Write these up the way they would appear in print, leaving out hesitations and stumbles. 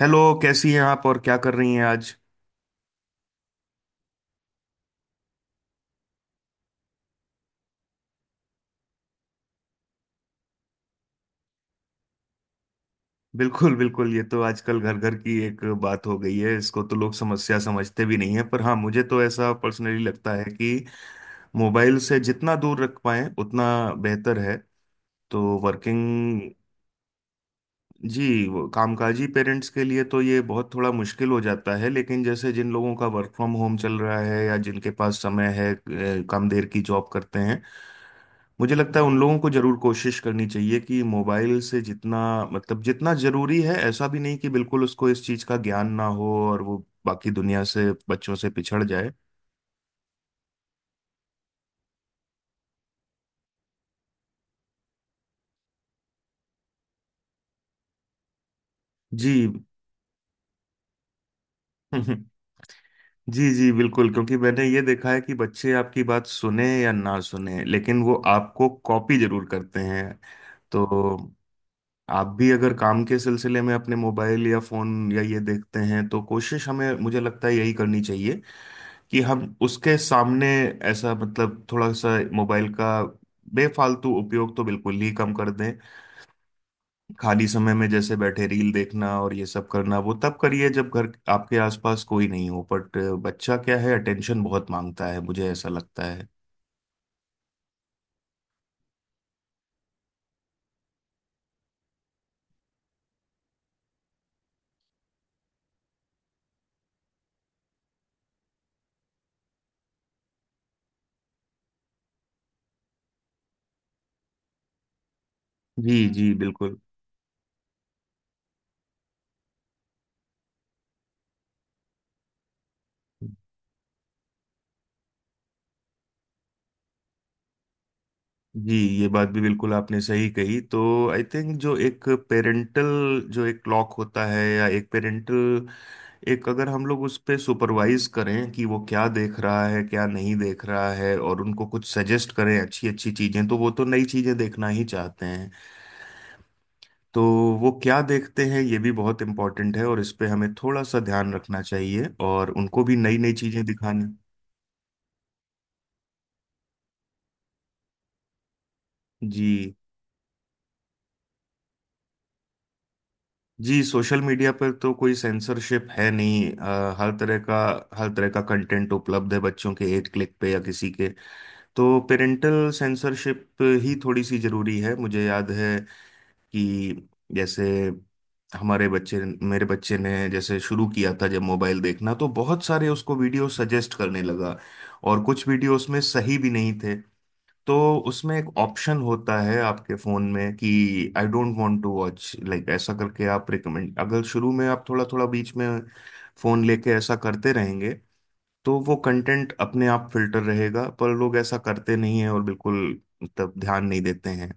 Hello, कैसी हैं आप और क्या कर रही हैं आज? बिल्कुल बिल्कुल, ये तो आजकल घर घर की एक बात हो गई है। इसको तो लोग समस्या समझते भी नहीं है, पर हाँ मुझे तो ऐसा पर्सनली लगता है कि मोबाइल से जितना दूर रख पाएं उतना बेहतर है। तो वर्किंग। जी, वो कामकाजी पेरेंट्स के लिए तो ये बहुत थोड़ा मुश्किल हो जाता है, लेकिन जैसे जिन लोगों का वर्क फ्रॉम होम चल रहा है या जिनके पास समय है, कम देर की जॉब करते हैं, मुझे लगता है उन लोगों को जरूर कोशिश करनी चाहिए कि मोबाइल से जितना मतलब जितना जरूरी है। ऐसा भी नहीं कि बिल्कुल उसको इस चीज का ज्ञान ना हो और वो बाकी दुनिया से, बच्चों से पिछड़ जाए। जी। जी जी बिल्कुल, क्योंकि मैंने ये देखा है कि बच्चे आपकी बात सुने या ना सुने, लेकिन वो आपको कॉपी जरूर करते हैं। तो आप भी अगर काम के सिलसिले में अपने मोबाइल या फोन या ये देखते हैं, तो कोशिश हमें, मुझे लगता है यही करनी चाहिए कि हम उसके सामने ऐसा मतलब थोड़ा सा मोबाइल का बेफालतू उपयोग तो बिल्कुल ही कम कर दें। खाली समय में जैसे बैठे रील देखना और ये सब करना, वो तब करिए जब घर आपके आसपास कोई नहीं हो। बट बच्चा क्या है, अटेंशन बहुत मांगता है, मुझे ऐसा लगता है। जी जी बिल्कुल। जी, ये बात भी बिल्कुल आपने सही कही। तो आई थिंक जो एक पेरेंटल, जो एक क्लॉक होता है या एक पेरेंटल, एक अगर हम लोग उस पे सुपरवाइज करें कि वो क्या देख रहा है क्या नहीं देख रहा है, और उनको कुछ सजेस्ट करें अच्छी अच्छी चीजें, तो वो तो नई चीजें देखना ही चाहते हैं। तो वो क्या देखते हैं, ये भी बहुत इम्पोर्टेंट है, और इस पे हमें थोड़ा सा ध्यान रखना चाहिए और उनको भी नई नई चीजें दिखानी। जी जी। सोशल मीडिया पर तो कोई सेंसरशिप है नहीं। हर तरह का कंटेंट उपलब्ध है बच्चों के एक क्लिक पे या किसी के। तो पेरेंटल सेंसरशिप ही थोड़ी सी जरूरी है। मुझे याद है कि जैसे हमारे बच्चे मेरे बच्चे ने जैसे शुरू किया था जब मोबाइल देखना, तो बहुत सारे उसको वीडियो सजेस्ट करने लगा और कुछ वीडियो उसमें सही भी नहीं थे। तो उसमें एक ऑप्शन होता है आपके फ़ोन में कि I don't want to watch like, ऐसा करके आप रिकमेंड, अगर शुरू में आप थोड़ा थोड़ा बीच में फ़ोन लेके ऐसा करते रहेंगे, तो वो कंटेंट अपने आप फिल्टर रहेगा। पर लोग ऐसा करते नहीं है और बिल्कुल मतलब ध्यान नहीं देते हैं।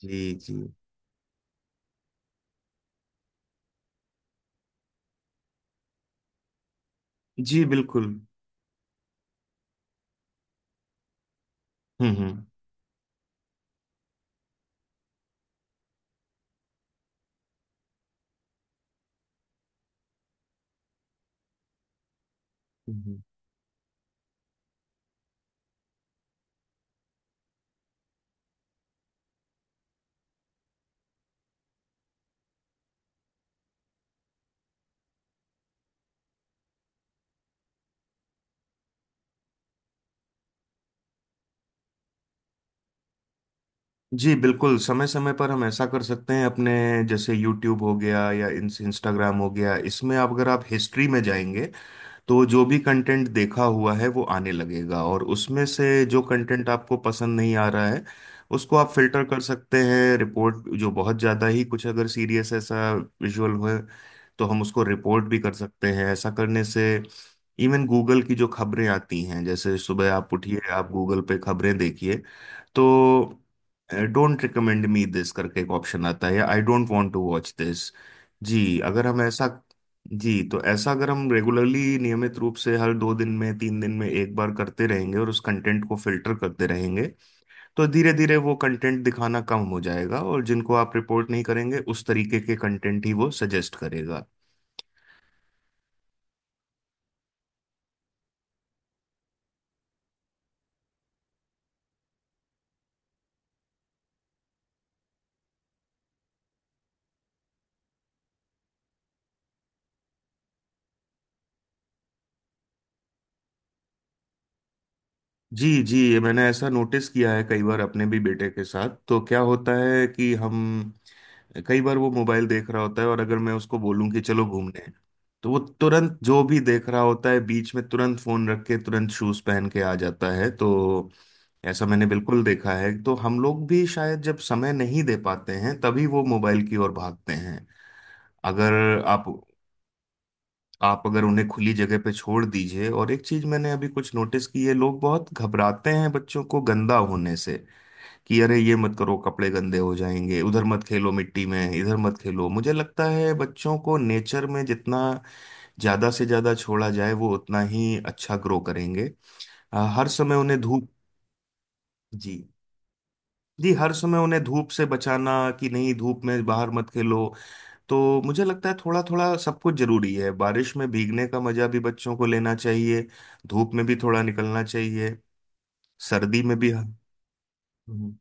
जी जी जी बिल्कुल। हम्म हम्म हम्म। जी बिल्कुल, समय समय पर हम ऐसा कर सकते हैं अपने। जैसे यूट्यूब हो गया या इंस्टाग्राम हो गया, इसमें आप अगर आप हिस्ट्री में जाएंगे, तो जो भी कंटेंट देखा हुआ है वो आने लगेगा, और उसमें से जो कंटेंट आपको पसंद नहीं आ रहा है उसको आप फिल्टर कर सकते हैं। रिपोर्ट, जो बहुत ज़्यादा ही कुछ अगर सीरियस ऐसा विजुअल हो, तो हम उसको रिपोर्ट भी कर सकते हैं। ऐसा करने से, इवन गूगल की जो खबरें आती हैं, जैसे सुबह आप उठिए, आप गूगल पे खबरें देखिए, तो डोंट रिकमेंड मी दिस करके एक ऑप्शन आता है, या I don't want to watch this. जी, अगर हम ऐसा। जी, तो ऐसा अगर हम रेगुलरली, नियमित रूप से हर दो दिन में, तीन दिन में एक बार करते रहेंगे और उस कंटेंट को फिल्टर करते रहेंगे, तो धीरे धीरे वो कंटेंट दिखाना कम हो जाएगा, और जिनको आप रिपोर्ट नहीं करेंगे उस तरीके के कंटेंट ही वो सजेस्ट करेगा। जी जी, ये मैंने ऐसा नोटिस किया है कई बार अपने भी बेटे के साथ, तो क्या होता है कि हम कई बार, वो मोबाइल देख रहा होता है और अगर मैं उसको बोलूं कि चलो घूमने, तो वो तुरंत जो भी देख रहा होता है बीच में तुरंत फोन रख के तुरंत शूज पहन के आ जाता है। तो ऐसा मैंने बिल्कुल देखा है। तो हम लोग भी शायद जब समय नहीं दे पाते हैं तभी वो मोबाइल की ओर भागते हैं। अगर आप, अगर उन्हें खुली जगह पे छोड़ दीजिए। और एक चीज मैंने अभी कुछ नोटिस की है, लोग बहुत घबराते हैं बच्चों को गंदा होने से, कि अरे ये मत करो, कपड़े गंदे हो जाएंगे, उधर मत खेलो मिट्टी में, इधर मत खेलो। मुझे लगता है बच्चों को नेचर में जितना ज्यादा से ज्यादा छोड़ा जाए, वो उतना ही अच्छा ग्रो करेंगे। हर समय उन्हें धूप। जी, जी हर समय उन्हें धूप से बचाना कि नहीं, धूप में बाहर मत खेलो, तो मुझे लगता है थोड़ा थोड़ा सब कुछ जरूरी है। बारिश में भीगने का मजा भी बच्चों को लेना चाहिए, धूप में भी थोड़ा निकलना चाहिए, सर्दी में भी। हम्म।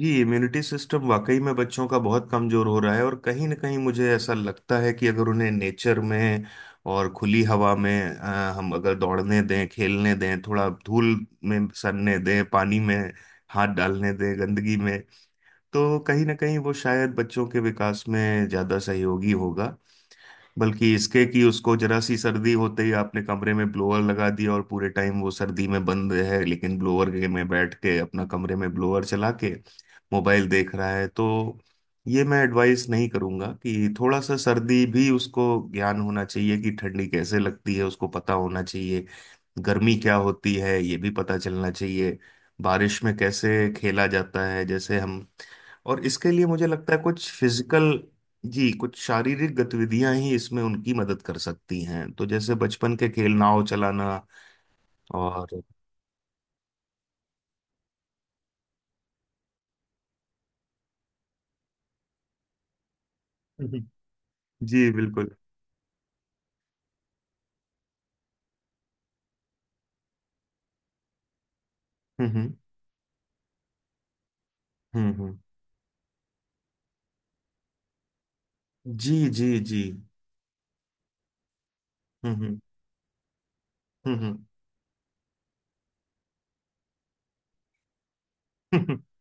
जी, इम्यूनिटी सिस्टम वाकई में बच्चों का बहुत कमजोर हो रहा है, और कहीं ना कहीं मुझे ऐसा लगता है कि अगर उन्हें नेचर में और खुली हवा में हम अगर दौड़ने दें, खेलने दें, थोड़ा धूल में सनने दें, पानी में हाथ डालने दें, गंदगी में, तो कहीं ना कहीं वो शायद बच्चों के विकास में ज्यादा सहयोगी होगा। बल्कि इसके कि उसको जरा सी सर्दी होते ही आपने कमरे में ब्लोअर लगा दिया और पूरे टाइम वो सर्दी में बंद है, लेकिन ब्लोअर के में बैठ के, अपना कमरे में ब्लोअर चला के मोबाइल देख रहा है, तो ये मैं एडवाइस नहीं करूंगा। कि थोड़ा सा सर्दी भी उसको ज्ञान होना चाहिए, कि ठंडी कैसे लगती है उसको पता होना चाहिए, गर्मी क्या होती है ये भी पता चलना चाहिए, बारिश में कैसे खेला जाता है जैसे हम, और इसके लिए मुझे लगता है कुछ फिजिकल। जी, कुछ शारीरिक गतिविधियां ही इसमें उनकी मदद कर सकती हैं, तो जैसे बचपन के खेल, नाव चलाना और। हम्म। जी बिल्कुल। हम्म हम्म हम्म हम्म। जी जी जी। हम्म हम्म हम्म।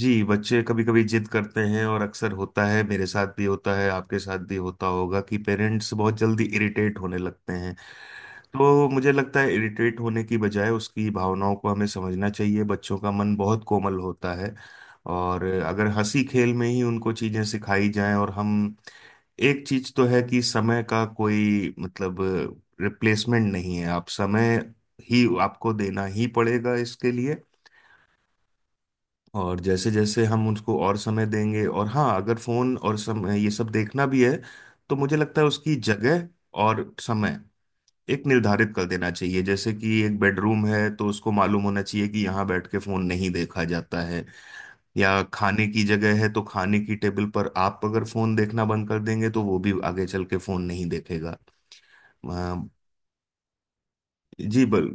जी, बच्चे कभी कभी जिद करते हैं, और अक्सर होता है, मेरे साथ भी होता है, आपके साथ भी होता होगा, कि पेरेंट्स बहुत जल्दी इरिटेट होने लगते हैं। तो मुझे लगता है इरिटेट होने की बजाय उसकी भावनाओं को हमें समझना चाहिए, बच्चों का मन बहुत कोमल होता है। और अगर हंसी खेल में ही उनको चीजें सिखाई जाएं, और हम, एक चीज तो है कि समय का कोई मतलब, रिप्लेसमेंट नहीं है, आप समय ही, आपको देना ही पड़ेगा इसके लिए। और जैसे जैसे हम उसको और समय देंगे, और हाँ अगर फोन और समय ये सब देखना भी है, तो मुझे लगता है उसकी जगह और समय एक निर्धारित कर देना चाहिए। जैसे कि एक बेडरूम है, तो उसको मालूम होना चाहिए कि यहाँ बैठ के फोन नहीं देखा जाता है, या खाने की जगह है, तो खाने की टेबल पर आप अगर फोन देखना बंद कर देंगे तो वो भी आगे चल के फोन नहीं देखेगा। अ, जी बल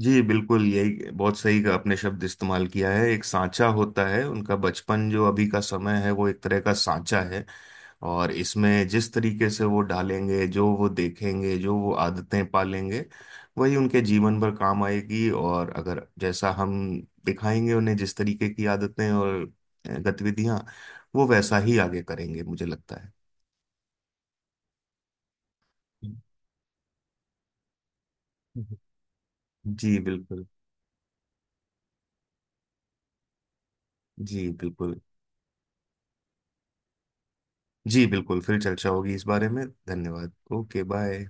जी बिल्कुल, यही बहुत सही का आपने शब्द इस्तेमाल किया है। एक सांचा होता है, उनका बचपन जो अभी का समय है वो एक तरह का सांचा है, और इसमें जिस तरीके से वो डालेंगे, जो वो देखेंगे, जो वो आदतें पालेंगे, वही उनके जीवन भर काम आएगी। और अगर जैसा हम दिखाएंगे उन्हें, जिस तरीके की आदतें और गतिविधियां, वो वैसा ही आगे करेंगे, मुझे लगता है। जी बिल्कुल। जी बिल्कुल। जी बिल्कुल, फिर चर्चा होगी इस बारे में। धन्यवाद, ओके बाय।